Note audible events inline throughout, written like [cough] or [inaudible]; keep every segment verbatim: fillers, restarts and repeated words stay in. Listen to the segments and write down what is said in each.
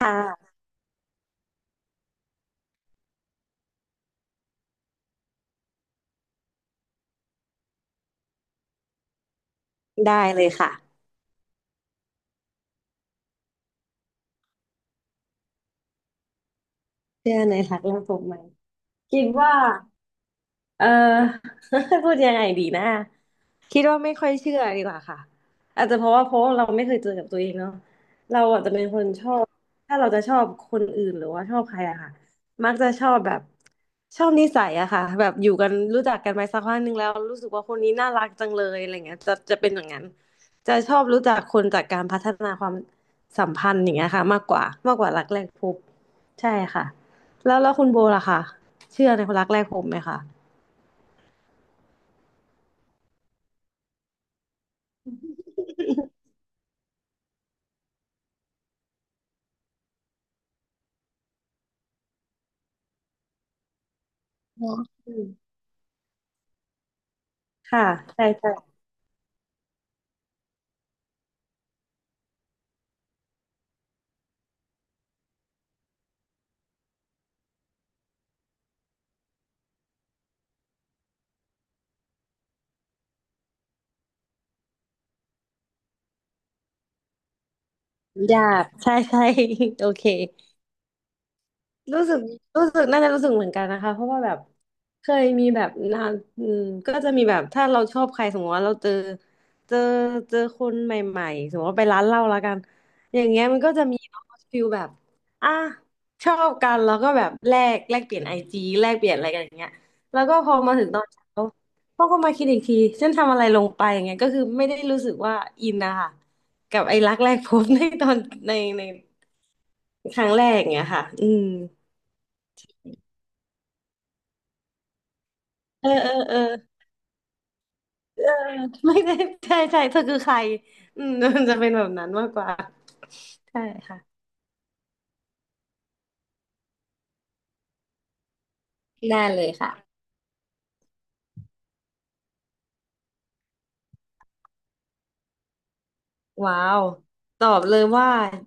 ค่ะได้เลยค่ะเชื่อในหลักเรื่องภูมิไหมคิดว่า เออ [laughs] พูดยังไงดีนะคิดว่าไม่ค่อยเชื่อดีกว่าค่ะอาจจะเพราะว่าเพราะเราไม่เคยเจอกับตัวเองเนาะเราอาจจะเป็นคนชอบถ้าเราจะชอบคนอื่นหรือว่าชอบใครอะค่ะมักจะชอบแบบชอบนิสัยอะค่ะแบบอยู่กันรู้จักกันไปสักพักหนึ่งแล้วรู้สึกว่าคนนี้น่ารักจังเลยอะไรเงี้ยจะจะเป็นอย่างนั้นจะชอบรู้จักคนจากการพัฒนาความสัมพันธ์อย่างเงี้ยค่ะมากกว่ามากกว่ารักแรกพบใช่ค่ะแล้วแล้วคุณโบล่ะคะเชื่อในคนรักแรกพบไหมคะ อ๋อค่ะใช่ใช่หยาบใช่ใช่ [laughs] โอเค รู้สึกรู้สึกน่าจะรู้สึกเหมือนกันนะคะเพราะว่าแบบเคยมีแบบนานอืมก็จะมีแบบถ้าเราชอบใครสมมติว่าเราเจอเจอเจอคนใหม่ๆสมมติว่าไปร้านเหล้าแล้วกันอย่างเงี้ยมันก็จะมีฟิลแบบอ่ะชอบกันแล้วก็แบบแลกแลกเปลี่ยนไอจีแลกเปลี่ยนอะไรกันอย่างเงี้ยแล้วก็พอมาถึงตอนเช้าพ่อก็มาคิดอีกทีฉันทำอะไรลงไปอย่างเงี้ยก็คือไม่ได้รู้สึกว่าอินนะคะกับไอ้รักแรกพบในตอนในในครั้งแรกอย่างเงี้ยค่ะอืม เออเออเออเออไม่ได้ใช่ใช่เธอคือใครอืม [laughs] มันจะเป็นแบบนั้นมากกว่าใช่ค่ะได้เลยค่ะว้าวตอบเลยว่า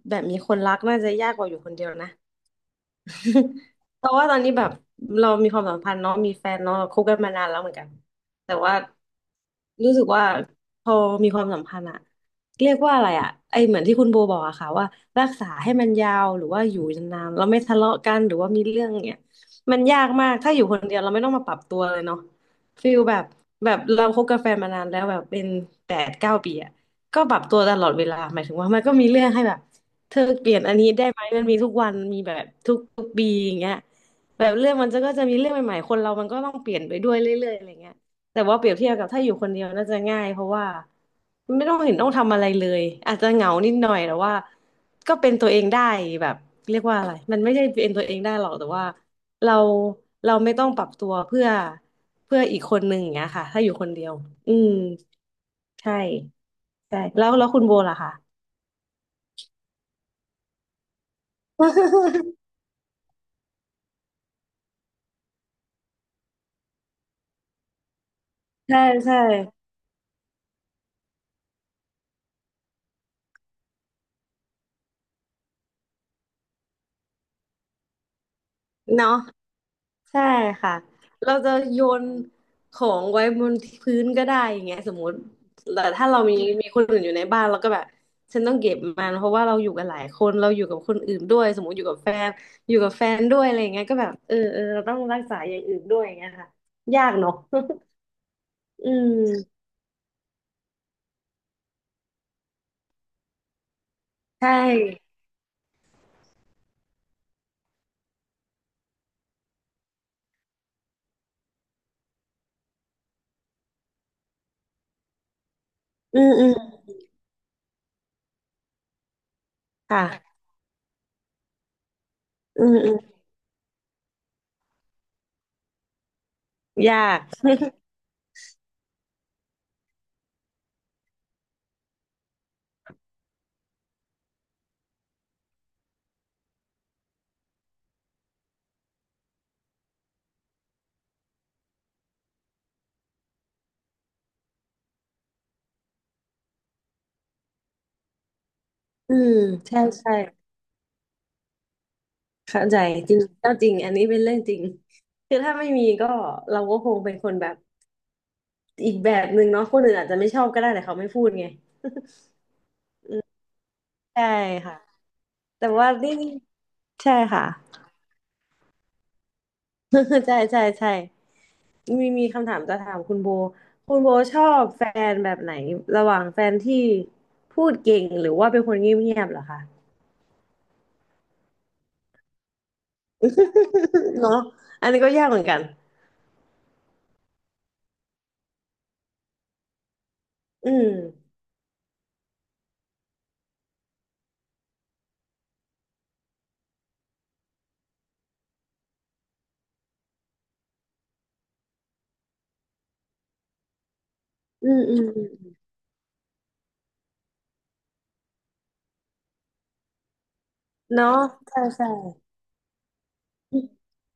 แบบมีคนรักน่าจะยากกว่าอยู่คนเดียวนะ [laughs] เพราะว่าตอนนี้แบบเรามีความสัมพันธ์เนาะมีแฟนเนาะเราคบกันมานานแล้วเหมือนกันแต่ว่ารู้สึกว่าพอมีความสัมพันธ์อะเรียกว่าอะไรอะไอเหมือนที่คุณโบบอกอะค่ะว่ารักษาให้มันยาวหรือว่าอยู่นานๆเราไม่ทะเลาะกันหรือว่ามีเรื่องเนี่ยมันยากมากถ้าอยู่คนเดียวเราไม่ต้องมาปรับตัวเลยเนาะฟีลแบบแบบเราคบกับแฟนมานานแล้วแบบเป็นแปดเก้าปีอะก็ปรับตัวตลอดเวลาหมายถึงว่ามันก็มีเรื่องให้แบบ เธอเปลี่ยนอันนี้ได้ไหมมันมีทุกวันมีแบบทุกทุกปีอย่างเงี้ยแบบเรื่องมันจะก็จะมีเรื่องใหม่ๆคนเรามันก็ต้องเปลี่ยนไปด้วยเรื่อยๆอะไรเงี้ยแต่ว่าเปรียบเทียบกับถ้าอยู่คนเดียวน่าจะง่ายเพราะว่าไม่ต้องเห็นต้องทำอะไรเลยอาจจะเหงานิดหน่อยแต่ว่าก็เป็นตัวเองได้แบบเรียกว่าอะไรมันไม่ใช่เป็นตัวเองได้หรอกแต่ว่าเราเราไม่ต้องปรับตัวเพื่อเพื่ออีกคนหนึ่งอย่างเงี้ยค่ะถ้าอยู่คนเดียวอืมใช่ใช่แล้วแล้วคุณโบล่ะคะ [laughs] ใช่ใช่ เนาะใช่ค่ะเราจะโยนของไว้บนพื้นก็ได้อย่างเงี้ยสมมติแต่ถ้าเรามีมีคนอื่นอยู่ในบ้านเราก็แบบฉันต้องเก็บมันเพราะว่าเราอยู่กันหลายคนเราอยู่กับคนอื่นด้วยสมมติอยู่กับแฟนอยู่กับแฟนด้วยอะไรอย่างเงี้ยก็แบบเออเออเราต้องรักษาอย่างอื่นด้วยอย่างเงี้ยค่ะยากเนาะ [laughs] อืมใช่อืมอืมค่ะอืมอืมยาก [laughs] อืมใช่ใช่เข้าใจจริงก็จริงอันนี้เป็นเรื่องจริงคือถ้าไม่มีก็เราก็คงเป็นคนแบบ อีกแบบหนึ่งเนาะคนอื่นอาจจะไม่ชอบก็ได้แต่เขาไม่พูดไง [laughs] ใช่ค่ะแต่ว่านี่ใช่ค่ะ [laughs] ใช่ใช่ใช่มีมีคำถามจะถามคุณโบคุณโบชอบแฟนแบบไหนระหว่างแฟนที่พูดเก่งหรือว่าเป็นคนเงียบๆเหรอคะ [laughs] เนาะอันนี้ก็ยากเหมือนกันอืมอืมอืมเนาะใช่ใช่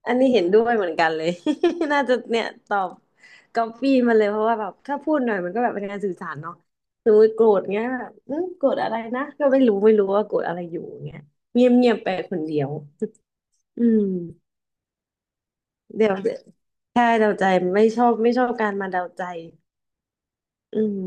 อันนี้เห็นด้วยเหมือนกันเลย [laughs] น่าจะเนี่ยตอบก๊อปปี้มาเลยเพราะว่าแบบถ้าพูดหน่อยมันก็แบบเป็นการสื่อสารเนาะสมมติโกรธเงี้ยแบบอืมโกรธอะไรนะก็ไม่รู้ไม่รู้ว่าโกรธอะไรอยู่เงี้ยเงียบเงียบไปคนเดียวอืมเดี๋ยวใช่เดาใจไม่ชอบไม่ชอบการมาเดาใจอืม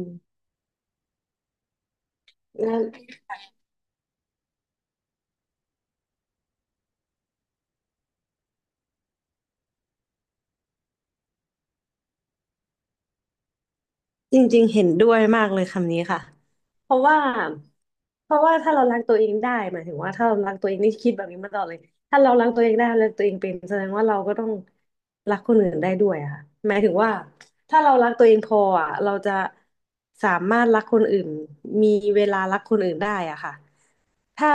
จริงๆเห็นด้วยมากเลยคำนี้ค่ะเพราะว่าเพราะว่าถ้าเรารักตัวเองได้หมายถึงว่าถ้าเรารักตัวเองนี่คิดแบบนี้มาตลอดเลยถ้าเรารักตัวเองได้รักตัวเองเป็นแสดงว่าเราก็ต้องรักคนอื่นได้ด้วยอะค่ะหมายถึงว่าถ้าเรารักตัวเองพออะเราจะสามารถรักคนอื่นมีเวลารักคนอื่นได้อะค่ะ ถ้า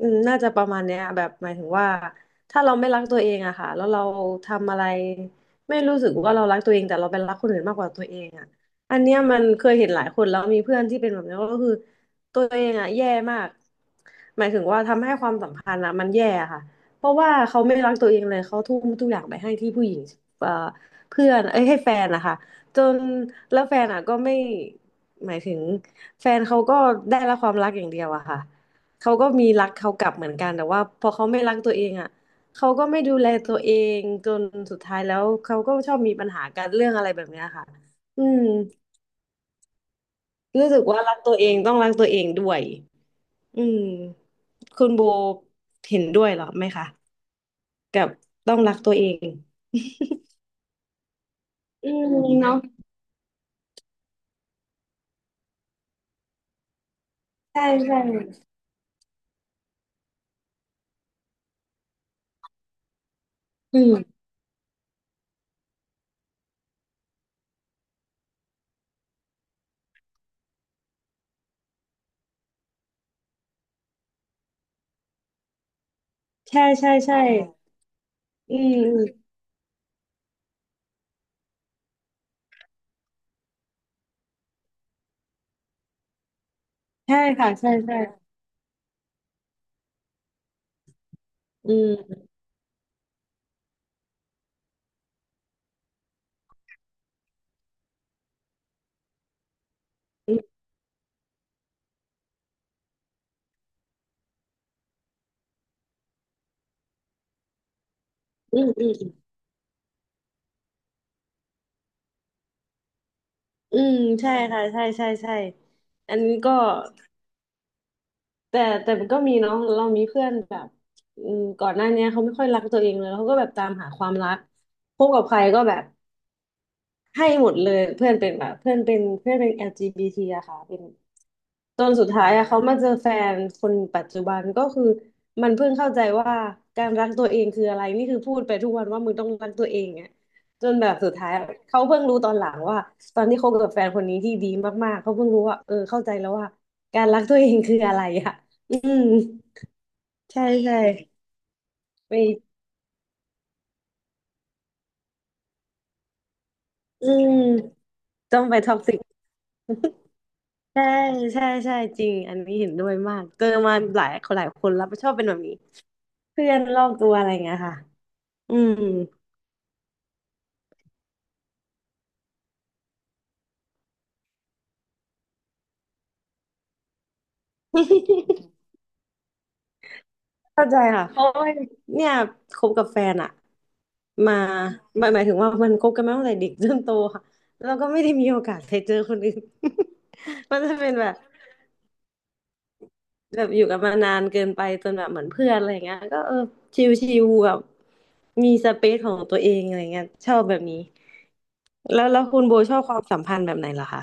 อืมน่าจะประมาณเนี้ยแบบหมายถึงว่าถ้าเราไม่รักตัวเองอะค่ะแล้วเราทำอะไร ไม่รู้สึกว่าเรารักตัวเอง แต่เราไปรักคนอื่นมากกว่าตัวเองอะอันเนี้ยมันเคยเห็นหลายคนแล้วมีเพื่อนที่เป็นแบบนี้ก็คือตัวเองอะแย่มากหมายถึงว่าทำให้ความสัมพันธ์อะมันแย่อะค่ะเพราะว่าเขาไม่รักตัวเองเลย เขาทุ่มทุกอย่างไปให้ที่ผู้หญิงเอ่อเพื่อนเอ้ยให้แฟนนะคะจนแล้วแฟนอะก็ไม่หมายถึงแฟนเขาก็ได้รับความรักอย่างเดียวอะค่ะ เขาก็มีรักเขากลับเหมือนกันแต่ว่าพอเขาไม่รักตัวเองอ่ะเขาก็ไม่ดูแลตัวเองจนสุดท้ายแล้วเขาก็ชอบมีปัญหากันเรื่องอะไรแบบเนี้ยค่ะอืมรู้สึกว่ารักตัวเองต้องรักตัวเองด้วยอืมคุณโบเห็นด้วยเหรอไหมคะกับต้องรักตัวเองอืมเนาะใช่ใช่อืมใช่ใช่ใช่อืมอืมใช่ค่ะใช่ใช่อืมอืมอืม อืมใช่ค่ะใช่ใช่ใช่อันนี้ก็แต่แต่มันก็มีเนาะเรามีเพื่อนแบบอืมก่อนหน้าเนี้ยเขาไม่ค่อยรักตัวเองเลยเขาก็แบบตามหาความรักพบกับใครก็แบบให้หมดเลยเพื่อนเป็นแบบเพื่อนเป็นเพื่อนเป็น แอล จี บี ที อลจีบีทีอะค่ะเป็น จนสุดท้ายอะเขามาเจอแฟนคนปัจจุบันก็คือมันเพิ่งเข้าใจว่าการรักตัวเองคืออะไรนี่คือพูดไปทุกวันว่ามึงต้องรักตัวเองอะจนแบบสุดท้ายอะเขาเพิ่งรู้ตอนหลังว่าตอนที่คบกับแฟนคนนี้ที่ดีมากๆเขาเพิ่งรู้ว่าเออเข้าใจแล้วว่าการรักตัวเองคืออะไรอะอืมใช่ใช่ไปอืมต้องไปท็อกซิกใช่ใช่ใช่จริงอันนี้เห็นด้วยมากเจอมาหลายคนหลายคนแล้วชอบเป็นแบบนี้เพื่อนรอบตัวอะไรเงี้ยค่ะอืม เข้าใจค่ะเพราะว่าเนี่ยคบกับแฟนอะมาหมายหมายถึงว่ามันคบกันมาตั้งแต่เด็กจนโตค่ะแล้วก็ไม่ได้มีโอกาสไปเจอคนอื่น [laughs] มันจะเป็นแบบแบบอยู่กันมานานเกินไปจนแบบเหมือนเพื่อนอะไรเงี้ยก็เออชิลๆแบบมีสเปซของตัวเองอะไรเงี้ยชอบแบบนี้แล้วแล้วคุณโบชอบความสัมพันธ์แบบไหนเหรอคะ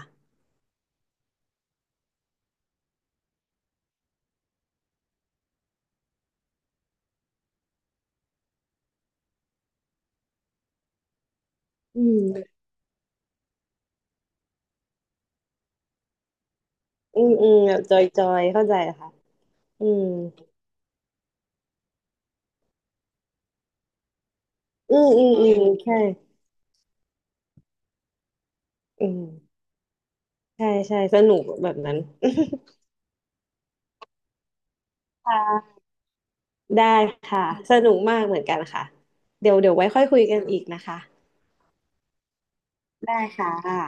อืมอืมอืมแบบจอยๆเข้าใจค่ะอืมอืมอืมอืมใช่อืม ใช่ใช่สนุกแบบนั้น [laughs] ค่ะได้ค่ะสนุกมากเหมือนกันค่ะเดี๋ยวเดี๋ยวไว้ค่อยคุยกันอีกนะคะได้ค่ะค่ะ